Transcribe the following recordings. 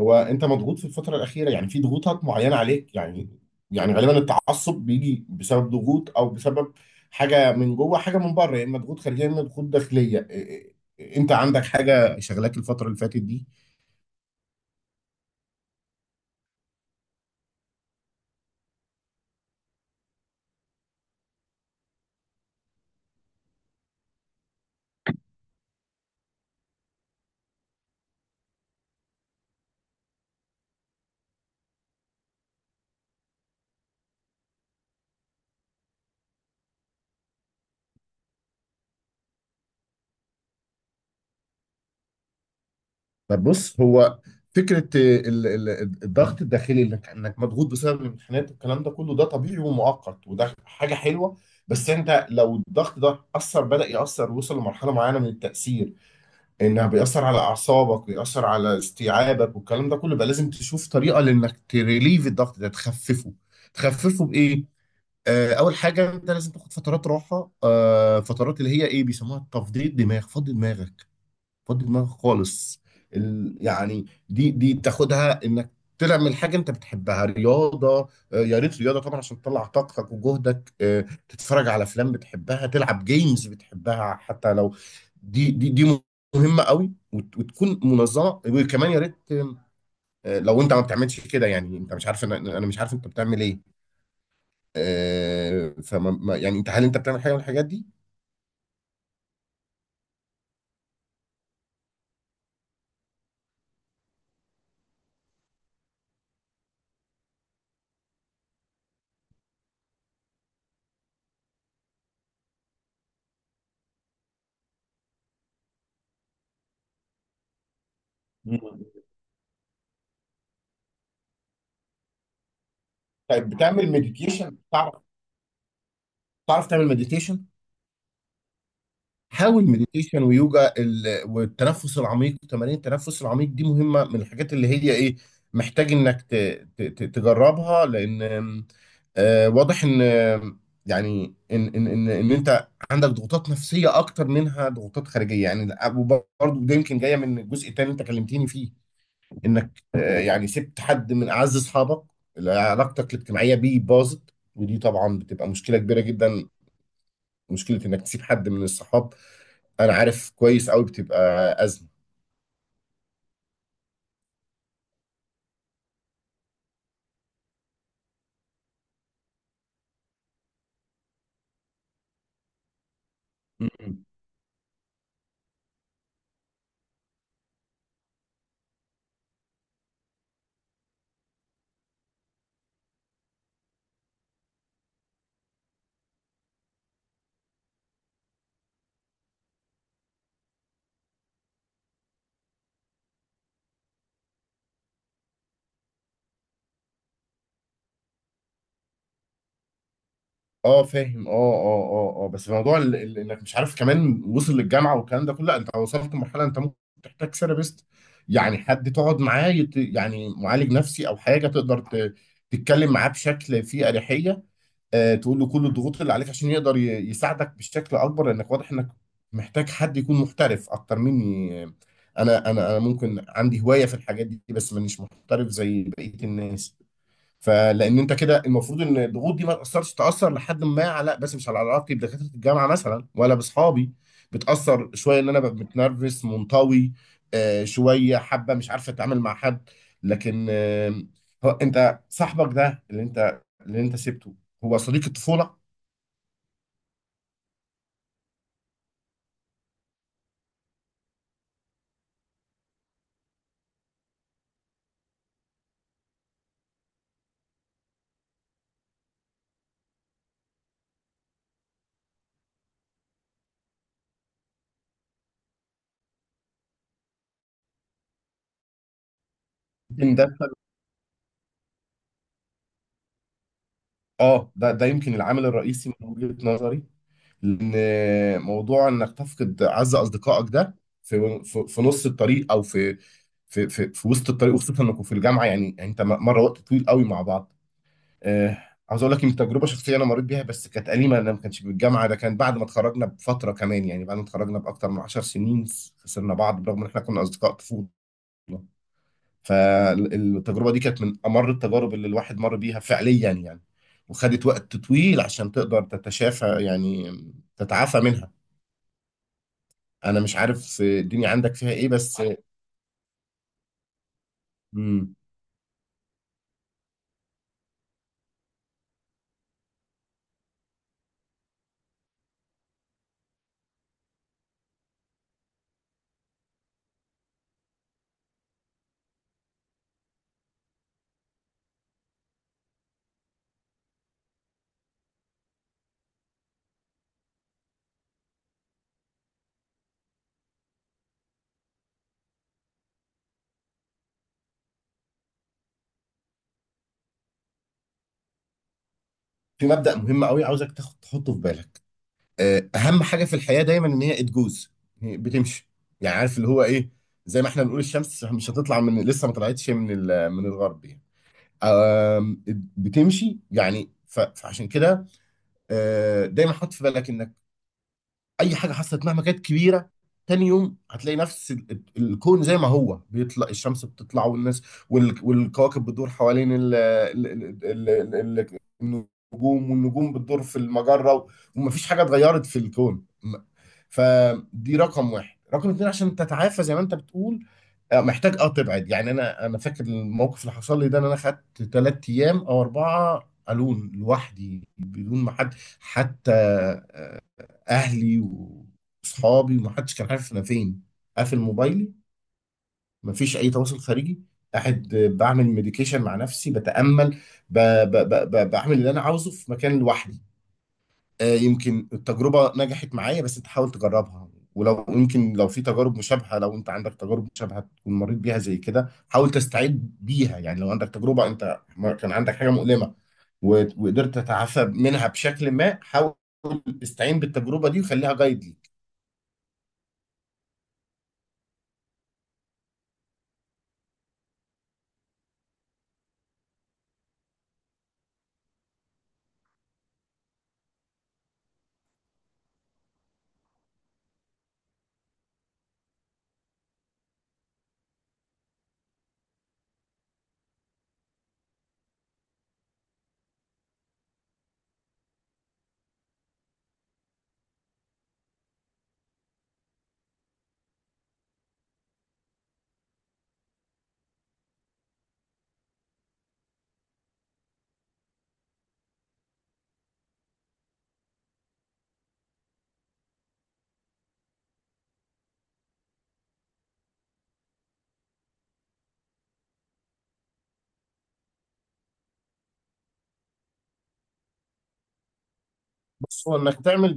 هو انت مضغوط في الفتره الاخيره؟ يعني في ضغوطات معينه عليك يعني. يعني غالبا التعصب بيجي بسبب ضغوط او بسبب حاجه من جوه، حاجه من بره، يا اما ضغوط خارجيه يا اما ضغوط داخليه. انت عندك حاجه شغلاك الفتره اللي فاتت دي؟ طب بص، هو فكره الضغط الداخلي اللي إنك مضغوط بسبب الامتحانات والكلام ده كله، ده طبيعي ومؤقت وده حاجه حلوه. بس انت لو الضغط ده اثر، بدا ياثر، وصل لمرحله معينه من التاثير، انها بيأثر على اعصابك ويأثر على استيعابك والكلام ده كله، بقى لازم تشوف طريقه لانك تريليف الضغط ده، تخففه. تخففه بايه؟ آه، اول حاجه انت لازم تاخد فترات راحه، آه، فترات اللي هي ايه بيسموها تفضيل دماغ، فضي دماغك، فضي دماغك خالص. يعني دي بتاخدها انك تعمل حاجه انت بتحبها. رياضه، آه، يا ريت رياضه طبعا عشان تطلع طاقتك وجهدك، آه، تتفرج على افلام بتحبها، تلعب جيمز بتحبها. حتى لو دي مهمه قوي وتكون منظمه. وكمان يا ريت، آه، لو انت ما بتعملش كده، يعني انت مش عارف، انا مش عارف انت بتعمل ايه. آه، فما ما- يعني انت هل انت بتعمل حاجه من الحاجات دي؟ مم. طيب، بتعمل مديتيشن؟ تعرف تعرف تعمل مديتيشن؟ حاول مديتيشن ويوجا والتنفس العميق، تمارين التنفس العميق دي مهمة. من الحاجات اللي هي ايه محتاج انك تجربها لان آه، واضح ان يعني ان انت عندك ضغوطات نفسية اكتر منها ضغوطات خارجية يعني. وبرضه ده يمكن جاية من الجزء التاني انت كلمتيني فيه، انك آه، يعني سبت حد من اعز اصحابك اللي علاقتك الاجتماعية بيه باظت. ودي طبعا بتبقى مشكلة كبيرة جدا، مشكله انك تسيب حد من الصحاب، انا عارف كويس قوي بتبقى ازمه. مم. اه فاهم، اه. بس في موضوع انك مش عارف كمان وصل للجامعه والكلام ده كله، لا، انت وصلت لمرحله انت ممكن تحتاج ثيرابيست. يعني حد تقعد معاه يعني معالج نفسي او حاجه تقدر تتكلم معاه بشكل فيه اريحيه، آه، تقول له كل الضغوط اللي عليك عشان يقدر يساعدك بشكل اكبر، لانك واضح انك محتاج حد يكون محترف اكتر مني. انا ممكن عندي هواية في الحاجات دي بس مانيش محترف زي بقية الناس. فلان انت كده، المفروض ان الضغوط دي ما تاثرش، تاثر لحد ما على، بس مش على علاقتي بدكاتره الجامعه مثلا ولا باصحابي. بتاثر شويه ان انا ببقى متنرفز، منطوي، آه، شويه حابه مش عارفه اتعامل مع حد. لكن آه، هو انت صاحبك ده اللي انت اللي انت سبته هو صديق الطفوله؟ يمكن ده، اه ده ده يمكن العامل الرئيسي من وجهه نظري. لان موضوع انك تفقد اعز اصدقائك ده في نص الطريق او في في وسط الطريق، وخصوصا انكم في الجامعه يعني، يعني انت مره وقت طويل قوي مع بعض. آه، عاوز اقول لك ان تجربه شخصيه انا مريت بيها، بس كانت اليمه. انا ما كانش بالجامعه، ده كان بعد ما اتخرجنا بفتره كمان، يعني بعد ما اتخرجنا باكتر من 10 سنين خسرنا بعض، برغم ان احنا كنا اصدقاء طفوله. فالتجربه دي كانت من امر التجارب اللي الواحد مر بيها فعليا يعني، وخدت وقت طويل عشان تقدر تتشافى يعني، تتعافى منها. انا مش عارف الدنيا عندك فيها ايه بس. مم. في مبدأ مهم قوي عاوزك تاخد تحطه في بالك، آه، اهم حاجة في الحياة دايما ان هي اتجوز بتمشي. يعني عارف اللي هو ايه؟ زي ما احنا بنقول الشمس مش هتطلع من، لسه ما طلعتش من الغرب يعني. آم، بتمشي يعني. فعشان كده آه، دايما حط في بالك انك اي حاجه حصلت مهما كانت كبيره، تاني يوم هتلاقي نفس الكون زي ما هو. بيطلع الشمس بتطلع، والناس والكواكب بتدور حوالين النجوم والنجوم بتدور في المجرة ومفيش حاجة اتغيرت في الكون فدي رقم واحد. رقم اتنين، عشان تتعافى زي ما انت بتقول، آه، محتاج اه تبعد. يعني انا فاكر الموقف اللي حصل لي ده ان انا خدت 3 ايام او 4 الون لوحدي، بدون ما حد، حتى اهلي واصحابي، ومحدش كان عارف انا فين. قافل موبايلي، مفيش اي تواصل خارجي، قاعد بعمل مديكيشن مع نفسي، بتامل، بعمل اللي انا عاوزه في مكان لوحدي. آه، يمكن التجربه نجحت معايا، بس انت حاول تجربها. ولو يمكن لو في تجارب مشابهه، لو انت عندك تجارب مشابهه تكون مريت بيها زي كده، حاول تستعد بيها. يعني لو عندك تجربه انت كان عندك حاجه مؤلمه وقدرت تتعافى منها بشكل ما، حاول استعين بالتجربه دي وخليها جايد ليك. بص، هو انك تعمل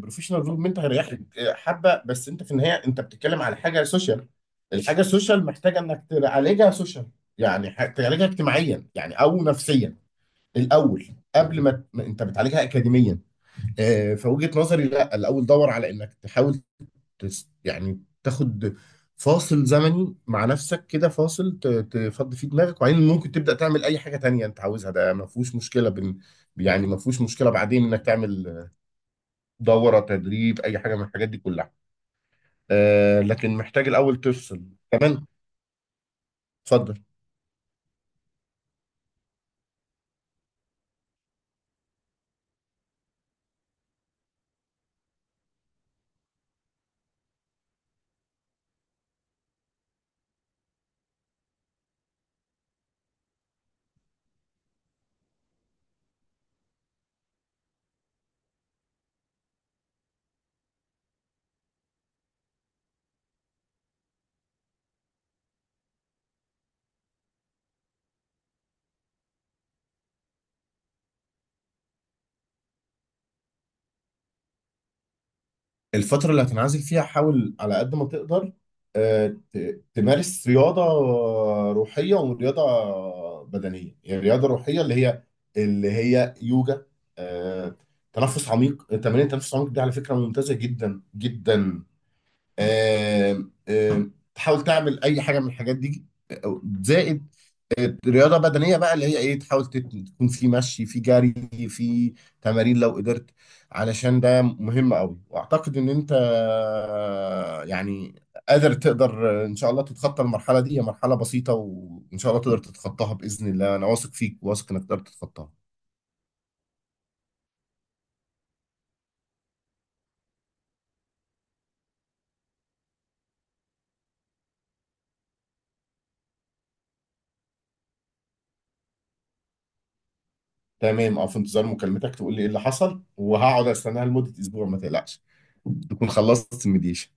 بروفيشنال ديفلوبمنت هيريحك آه حبه، بس انت في النهايه انت بتتكلم على حاجه سوشيال. الحاجه السوشيال محتاجه انك تعالجها سوشيال، يعني تعالجها اجتماعيا يعني او نفسيا الاول، قبل ما ما انت بتعالجها اكاديميا. آه، فوجهة نظري لا، الاول دور على انك تحاول يعني تاخد فاصل زمني مع نفسك كده، فاصل تفضي فيه دماغك، وبعدين ممكن تبدا تعمل اي حاجه تانية انت عاوزها. ده ما فيهوش مشكله بين، يعني ما فيهوش مشكله بعدين انك تعمل دوره تدريب، اي حاجه من الحاجات دي كلها. آه لكن محتاج الاول تفصل. تمام، اتفضل. الفتره اللي هتنعزل فيها حاول على قد ما تقدر، آه، تمارس رياضه روحيه ورياضه بدنيه. يعني الرياضه الروحيه اللي هي اللي هي يوجا، آه، تنفس عميق، تمارين التنفس العميق دي على فكره ممتازه جدا جدا، آه، تحاول تعمل اي حاجه من الحاجات دي، آه، زائد رياضة بدنية بقى اللي هي ايه، تحاول تكون في مشي، في جري، في تمارين لو قدرت، علشان ده مهم قوي. واعتقد ان انت يعني قادر، تقدر ان شاء الله تتخطى المرحلة دي، هي مرحلة بسيطة وان شاء الله تقدر تتخطاها بإذن الله. انا واثق فيك، واثق انك تقدر تتخطاها. تمام، او في انتظار مكالمتك تقول لي ايه اللي حصل، وهقعد استناها لمدة اسبوع، ما تقلقش تكون خلصت المديشن.